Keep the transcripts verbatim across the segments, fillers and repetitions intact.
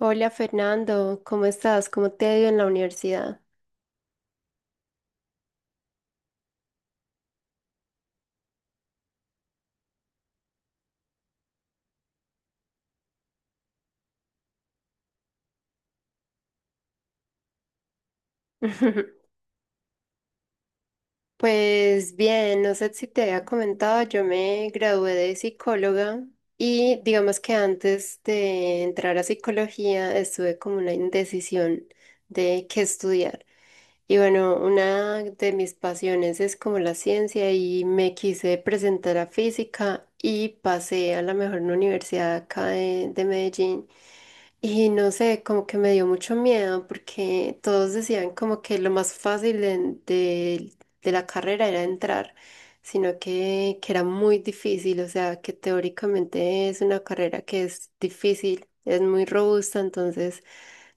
Hola Fernando, ¿cómo estás? ¿Cómo te ha ido en la universidad? Pues bien, no sé si te había comentado, yo me gradué de psicóloga y digamos que antes de entrar a psicología estuve como una indecisión de qué estudiar. Y bueno, una de mis pasiones es como la ciencia y me quise presentar a física y pasé a la mejor universidad acá de, de Medellín. Y no sé, como que me dio mucho miedo porque todos decían como que lo más fácil de, de- de la carrera era entrar, sino que, que era muy difícil, o sea, que teóricamente es una carrera que es difícil, es muy robusta, entonces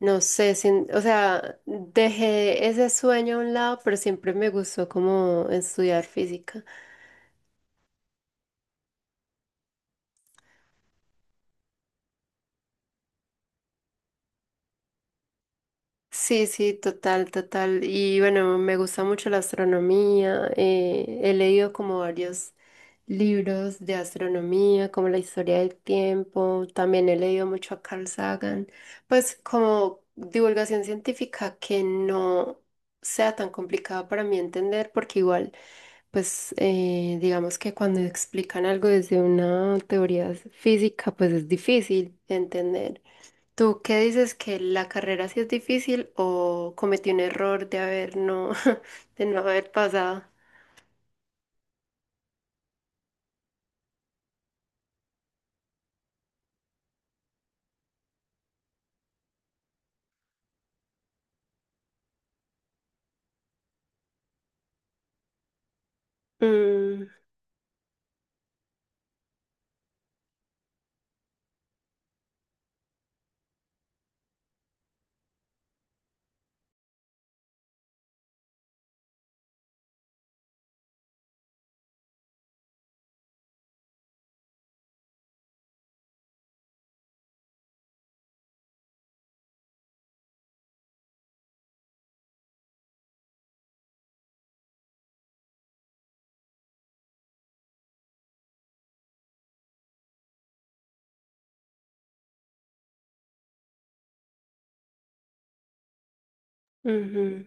no sé, sin- o sea, dejé ese sueño a un lado, pero siempre me gustó como estudiar física. Sí, sí, total, total. Y bueno, me gusta mucho la astronomía. Eh, he leído como varios libros de astronomía, como la historia del tiempo. También he leído mucho a Carl Sagan. Pues como divulgación científica que no sea tan complicada para mí entender, porque igual, pues eh, digamos que cuando explican algo desde una teoría física, pues es difícil de entender. ¿Tú qué dices que la carrera sí es difícil o cometí un error de haber no, de no haber pasado? Mm, ujú.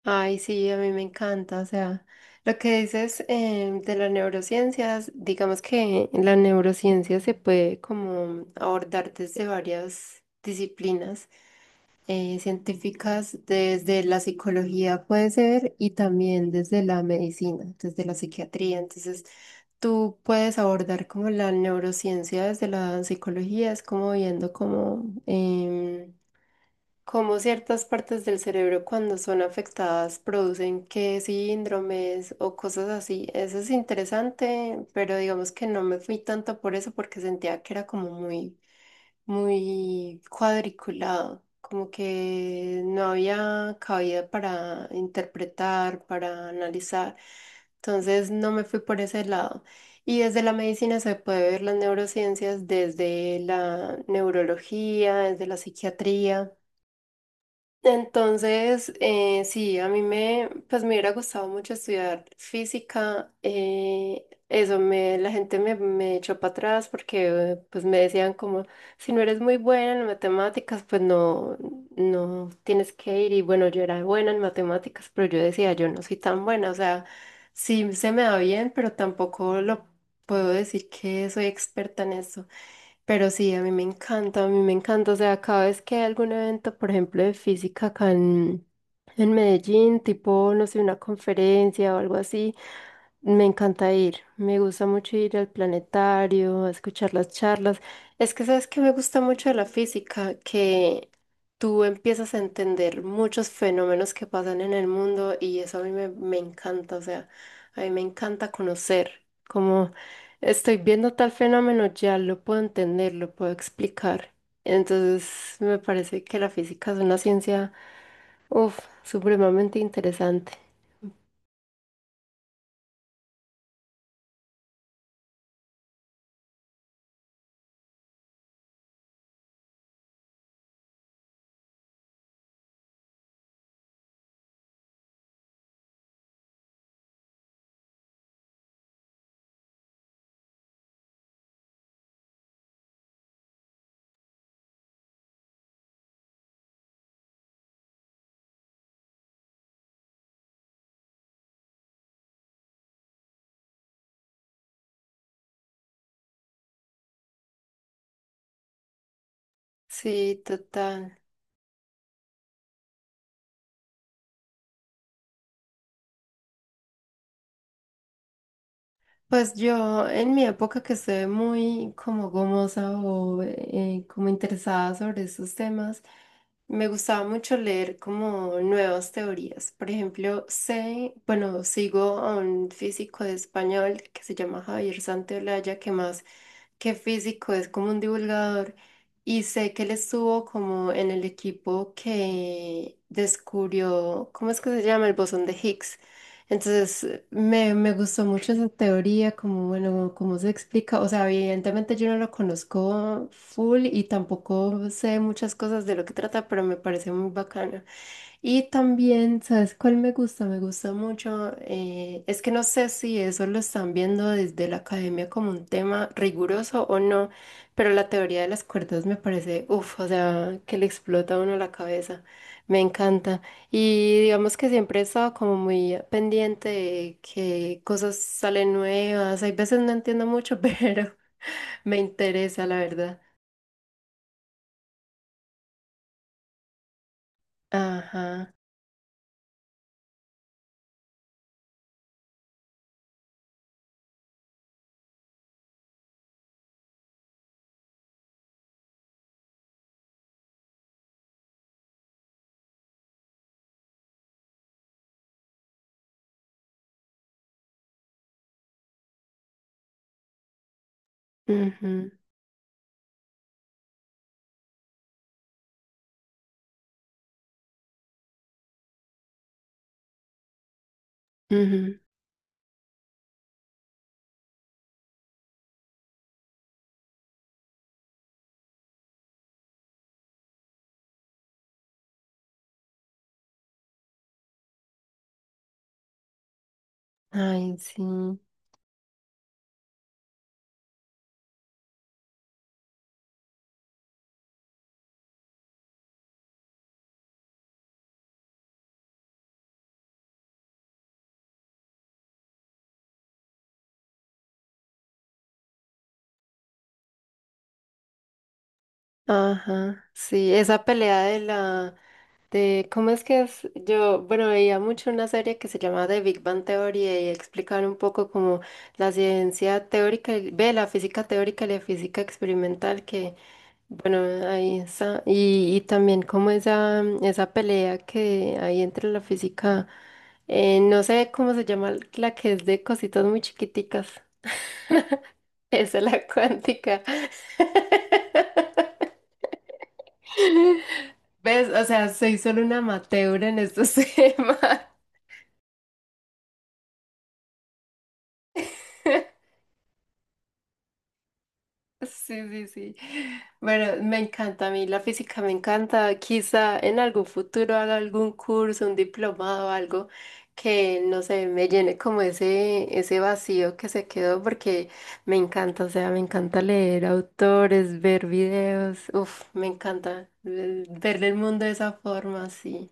Ay, sí, a mí me encanta. O sea, lo que dices em, de las neurociencias, digamos que la neurociencia se puede como abordar desde varias disciplinas. Eh, científicas desde la psicología puede ser y también desde la medicina, desde la psiquiatría. Entonces, tú puedes abordar como la neurociencia desde la psicología, es como viendo cómo, em, cómo ciertas partes del cerebro cuando son afectadas producen qué síndromes o cosas así. Eso es interesante, pero digamos que no me fui tanto por eso porque sentía que era como muy muy cuadriculado, como que no había cabida para interpretar, para analizar. Entonces no me fui por ese lado. Y desde la medicina se puede ver las neurociencias, desde la neurología, desde la psiquiatría. Entonces, eh, sí, a mí me, pues me hubiera gustado mucho estudiar física. Eh, eso me, la gente me, me echó para atrás porque eh, pues me decían como, si no eres muy buena en matemáticas, pues no, no tienes que ir. Y bueno, yo era buena en matemáticas, pero yo decía, yo no soy tan buena. O sea, sí se me da bien, pero tampoco lo puedo decir que soy experta en eso. Pero sí, a mí me encanta, a mí me encanta. O sea, cada vez que hay algún evento, por ejemplo, de física acá en, en Medellín, tipo, no sé, una conferencia o algo así, me encanta ir, me gusta mucho ir al planetario, a escuchar las charlas. Es que sabes que me gusta mucho de la física, que tú empiezas a entender muchos fenómenos que pasan en el mundo y eso a mí me, me encanta, o sea, a mí me encanta conocer, como estoy viendo tal fenómeno, ya lo puedo entender, lo puedo explicar. Entonces me parece que la física es una ciencia, uff, supremamente interesante. Sí, total. Pues yo en mi época que estuve muy como gomosa o eh, como interesada sobre estos temas, me gustaba mucho leer como nuevas teorías. Por ejemplo, sé, bueno, sigo a un físico de español que se llama Javier Santaolalla, que más que físico es como un divulgador y sé que él estuvo como en el equipo que descubrió, ¿cómo es que se llama? El bosón de Higgs. Entonces, eh, me, me gustó mucho esa teoría, como, bueno, cómo se explica. O sea, evidentemente yo no lo conozco full y tampoco sé muchas cosas de lo que trata, pero me parece muy bacana. Y también, ¿sabes cuál me gusta? Me gusta mucho. Eh, es que no sé si eso lo están viendo desde la academia como un tema riguroso o no, pero la teoría de las cuerdas me parece, uff, o sea, que le explota a uno la cabeza. Me encanta. Y digamos que siempre he estado como muy pendiente de que cosas salen nuevas. Hay veces no entiendo mucho, pero me interesa, la verdad. Ajá. Ujú, ujú. Ay, sí. Ajá, sí, esa pelea de la, de, ¿cómo es que es? Yo, bueno, veía mucho una serie que se llamaba The Big Bang Theory y explicaban un poco como la ciencia teórica, y- ve, la física teórica y la física experimental, que, bueno, ahí está, y, y también como esa, esa pelea que hay entre la física, eh, no sé cómo se llama la que es de cositas muy chiquiticas, esa es la cuántica. ¿Ves? O sea, soy solo una amateur en estos temas. Sí, sí, sí. Bueno, me encanta a mí, la física me encanta. Quizá en algún futuro haga algún curso, un diplomado, algo que, no sé, me llene como ese, ese vacío que se quedó porque me encanta, o sea, me encanta leer autores, ver videos. Uf, me encanta eh, ver el mundo de esa forma, sí.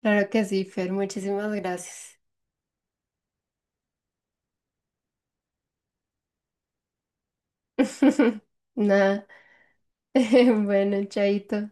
Claro que sí, Fer, muchísimas gracias. Nada. Bueno, chaito.